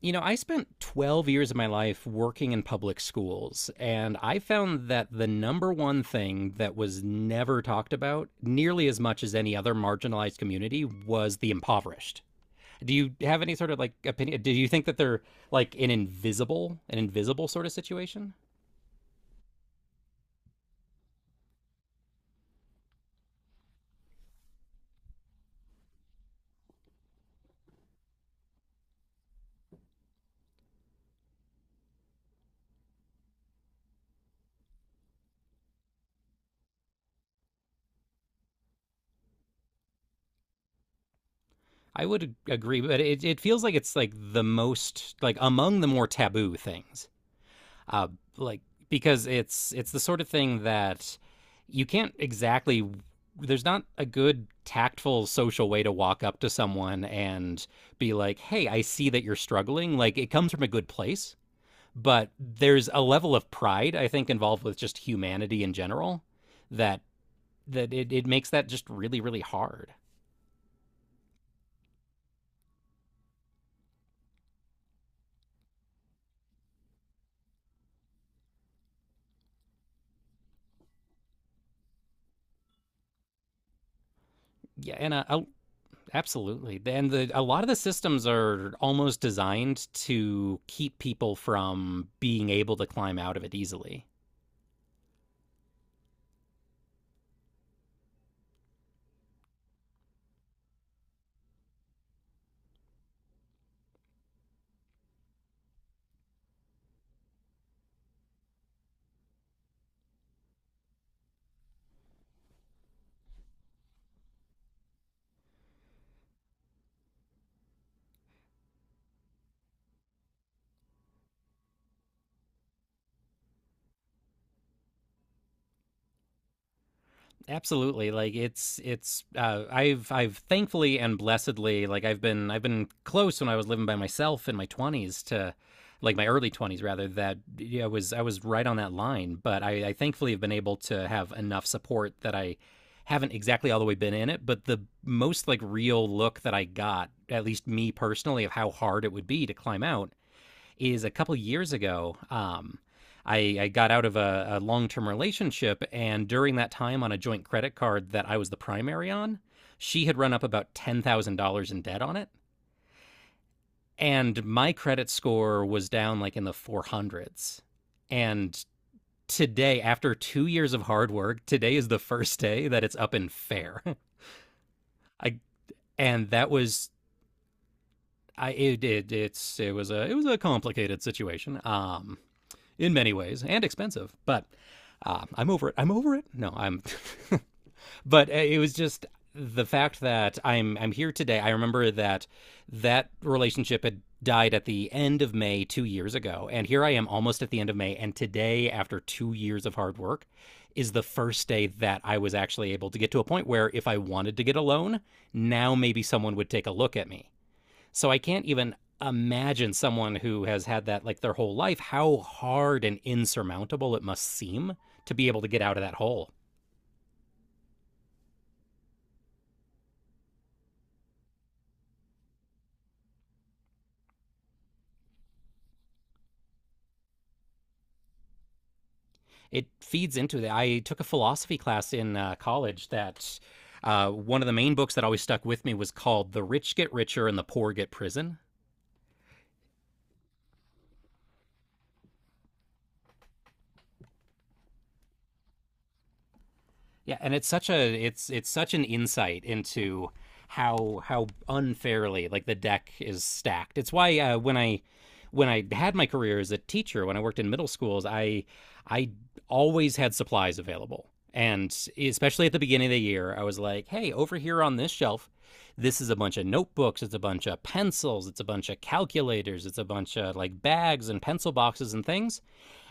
You know, I spent 12 years of my life working in public schools, and I found that the number one thing that was never talked about, nearly as much as any other marginalized community, was the impoverished. Do you have any sort of like opinion? Do you think that they're like an invisible sort of situation? I would agree, but it feels like it's like the most, like among the more taboo things. uh, like because it's the sort of thing that you can't exactly. There's not a good tactful social way to walk up to someone and be like, "Hey, I see that you're struggling." Like it comes from a good place, but there's a level of pride I think involved with just humanity in general that that it makes that just really really hard. Yeah, and a Absolutely. And the a lot of the systems are almost designed to keep people from being able to climb out of it easily. Absolutely. Like it's I've thankfully and blessedly like I've been close when I was living by myself in my 20s to like my early 20s rather. That Yeah, I was right on that line, but I thankfully have been able to have enough support that I haven't exactly all the way been in it, but the most like real look that I got, at least me personally, of how hard it would be to climb out is a couple years ago. I got out of a long term relationship, and during that time, on a joint credit card that I was the primary on, she had run up about $10,000 in debt on it, and my credit score was down like in the four hundreds. And today, after 2 years of hard work, today is the first day that it's up and fair. I and that was I It it was a complicated situation. In many ways and expensive, but I'm over it. I'm over it. No, I'm. But it was just the fact that I'm here today. I remember that that relationship had died at the end of May 2 years ago, and here I am almost at the end of May, and today, after 2 years of hard work, is the first day that I was actually able to get to a point where if I wanted to get a loan, now maybe someone would take a look at me. So I can't even imagine someone who has had that like their whole life, how hard and insurmountable it must seem to be able to get out of that hole. It feeds into that. I took a philosophy class in college that one of the main books that always stuck with me was called The Rich Get Richer and the Poor Get Prison. Yeah, and it's such a it's such an insight into how unfairly like the deck is stacked. It's why when I had my career as a teacher, when I worked in middle schools, I always had supplies available. And especially at the beginning of the year, I was like, hey, over here on this shelf, this is a bunch of notebooks, it's a bunch of pencils, it's a bunch of calculators, it's a bunch of like bags and pencil boxes and things.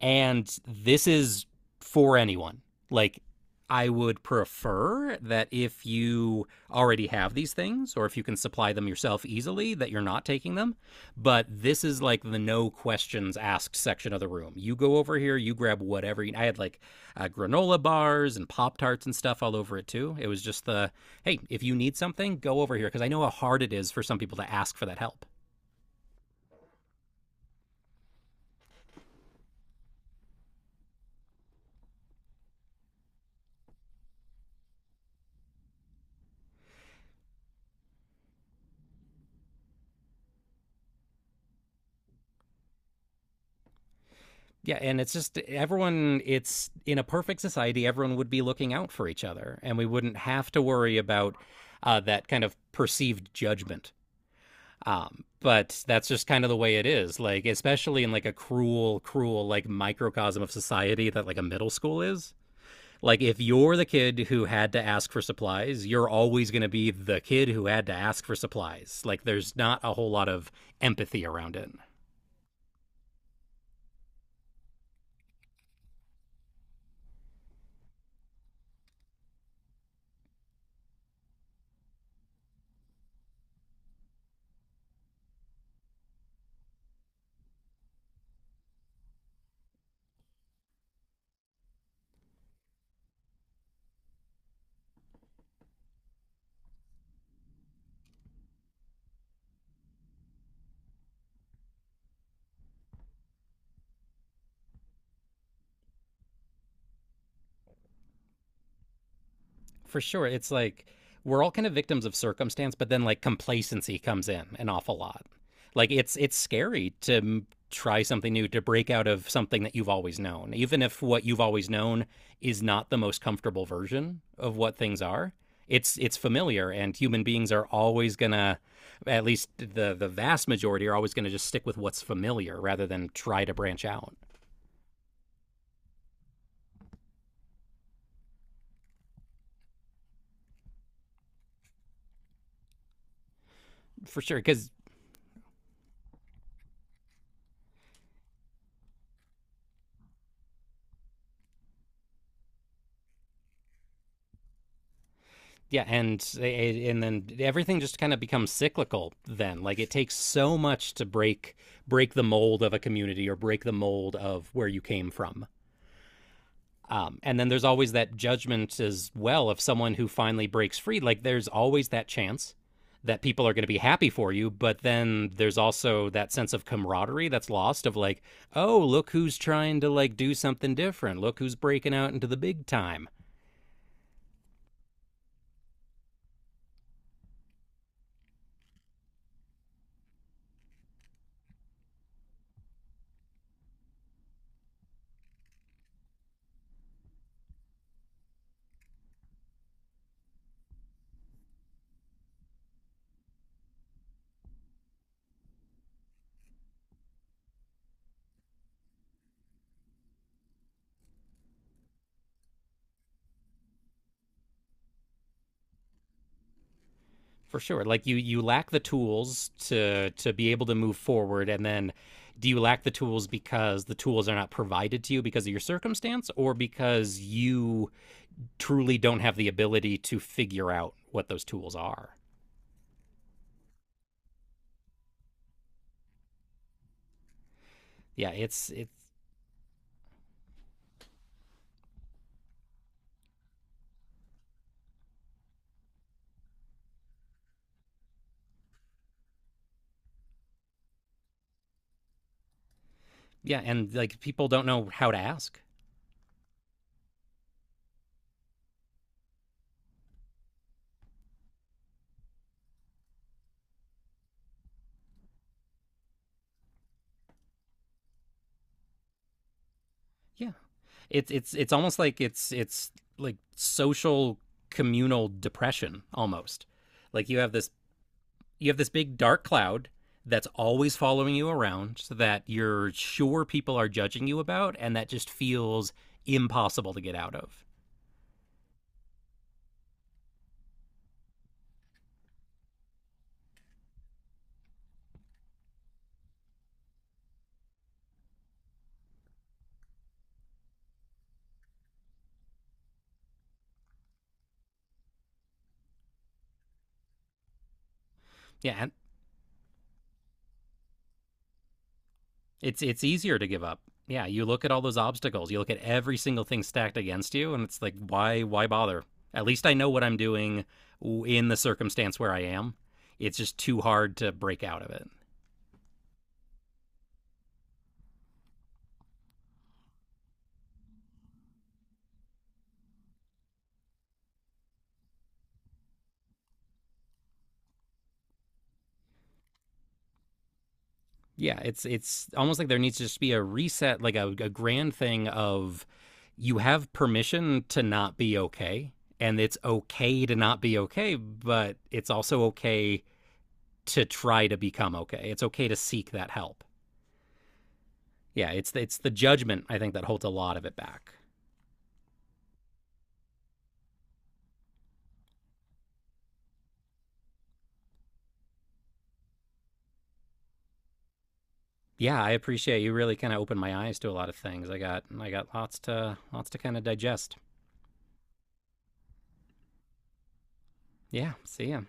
And this is for anyone. Like, I would prefer that if you already have these things or if you can supply them yourself easily, that you're not taking them. But this is like the no questions asked section of the room. You go over here, you grab whatever. I had like granola bars and Pop Tarts and stuff all over it too. It was just the hey, if you need something, go over here. Because I know how hard it is for some people to ask for that help. Yeah, and it's just everyone, it's in a perfect society, everyone would be looking out for each other, and we wouldn't have to worry about that kind of perceived judgment. But that's just kind of the way it is. Like, especially in like a cruel, cruel, like microcosm of society that like a middle school is. Like, if you're the kid who had to ask for supplies, you're always going to be the kid who had to ask for supplies. Like, there's not a whole lot of empathy around it. For sure. It's like we're all kind of victims of circumstance, but then like complacency comes in an awful lot. Like it's scary to try something new, to break out of something that you've always known, even if what you've always known is not the most comfortable version of what things are. It's familiar, and human beings are always gonna, at least the vast majority are always gonna just stick with what's familiar rather than try to branch out for sure. Because Yeah, and then everything just kind of becomes cyclical. Then, like it takes so much to break break the mold of a community or break the mold of where you came from. And then there's always that judgment as well of someone who finally breaks free. Like there's always that chance that people are going to be happy for you, but then there's also that sense of camaraderie that's lost of like, oh, look who's trying to like do something different. Look who's breaking out into the big time. For sure. Like you lack the tools to be able to move forward, and then do you lack the tools because the tools are not provided to you because of your circumstance, or because you truly don't have the ability to figure out what those tools are? Yeah, it's Yeah, and like people don't know how to ask. Yeah. It's almost like it's like social communal depression almost. Like you have this big dark cloud that's always following you around so that you're sure people are judging you about, and that just feels impossible to get out of. Yeah, and it's easier to give up. Yeah, you look at all those obstacles, you look at every single thing stacked against you and it's like why bother? At least I know what I'm doing in the circumstance where I am. It's just too hard to break out of it. Yeah, it's almost like there needs to just be a reset, like a grand thing of you have permission to not be okay, and it's okay to not be okay, but it's also okay to try to become okay. It's okay to seek that help. Yeah, it's the judgment I think that holds a lot of it back. Yeah, I appreciate you really kind of opened my eyes to a lot of things. I got lots to kind of digest. Yeah, see ya.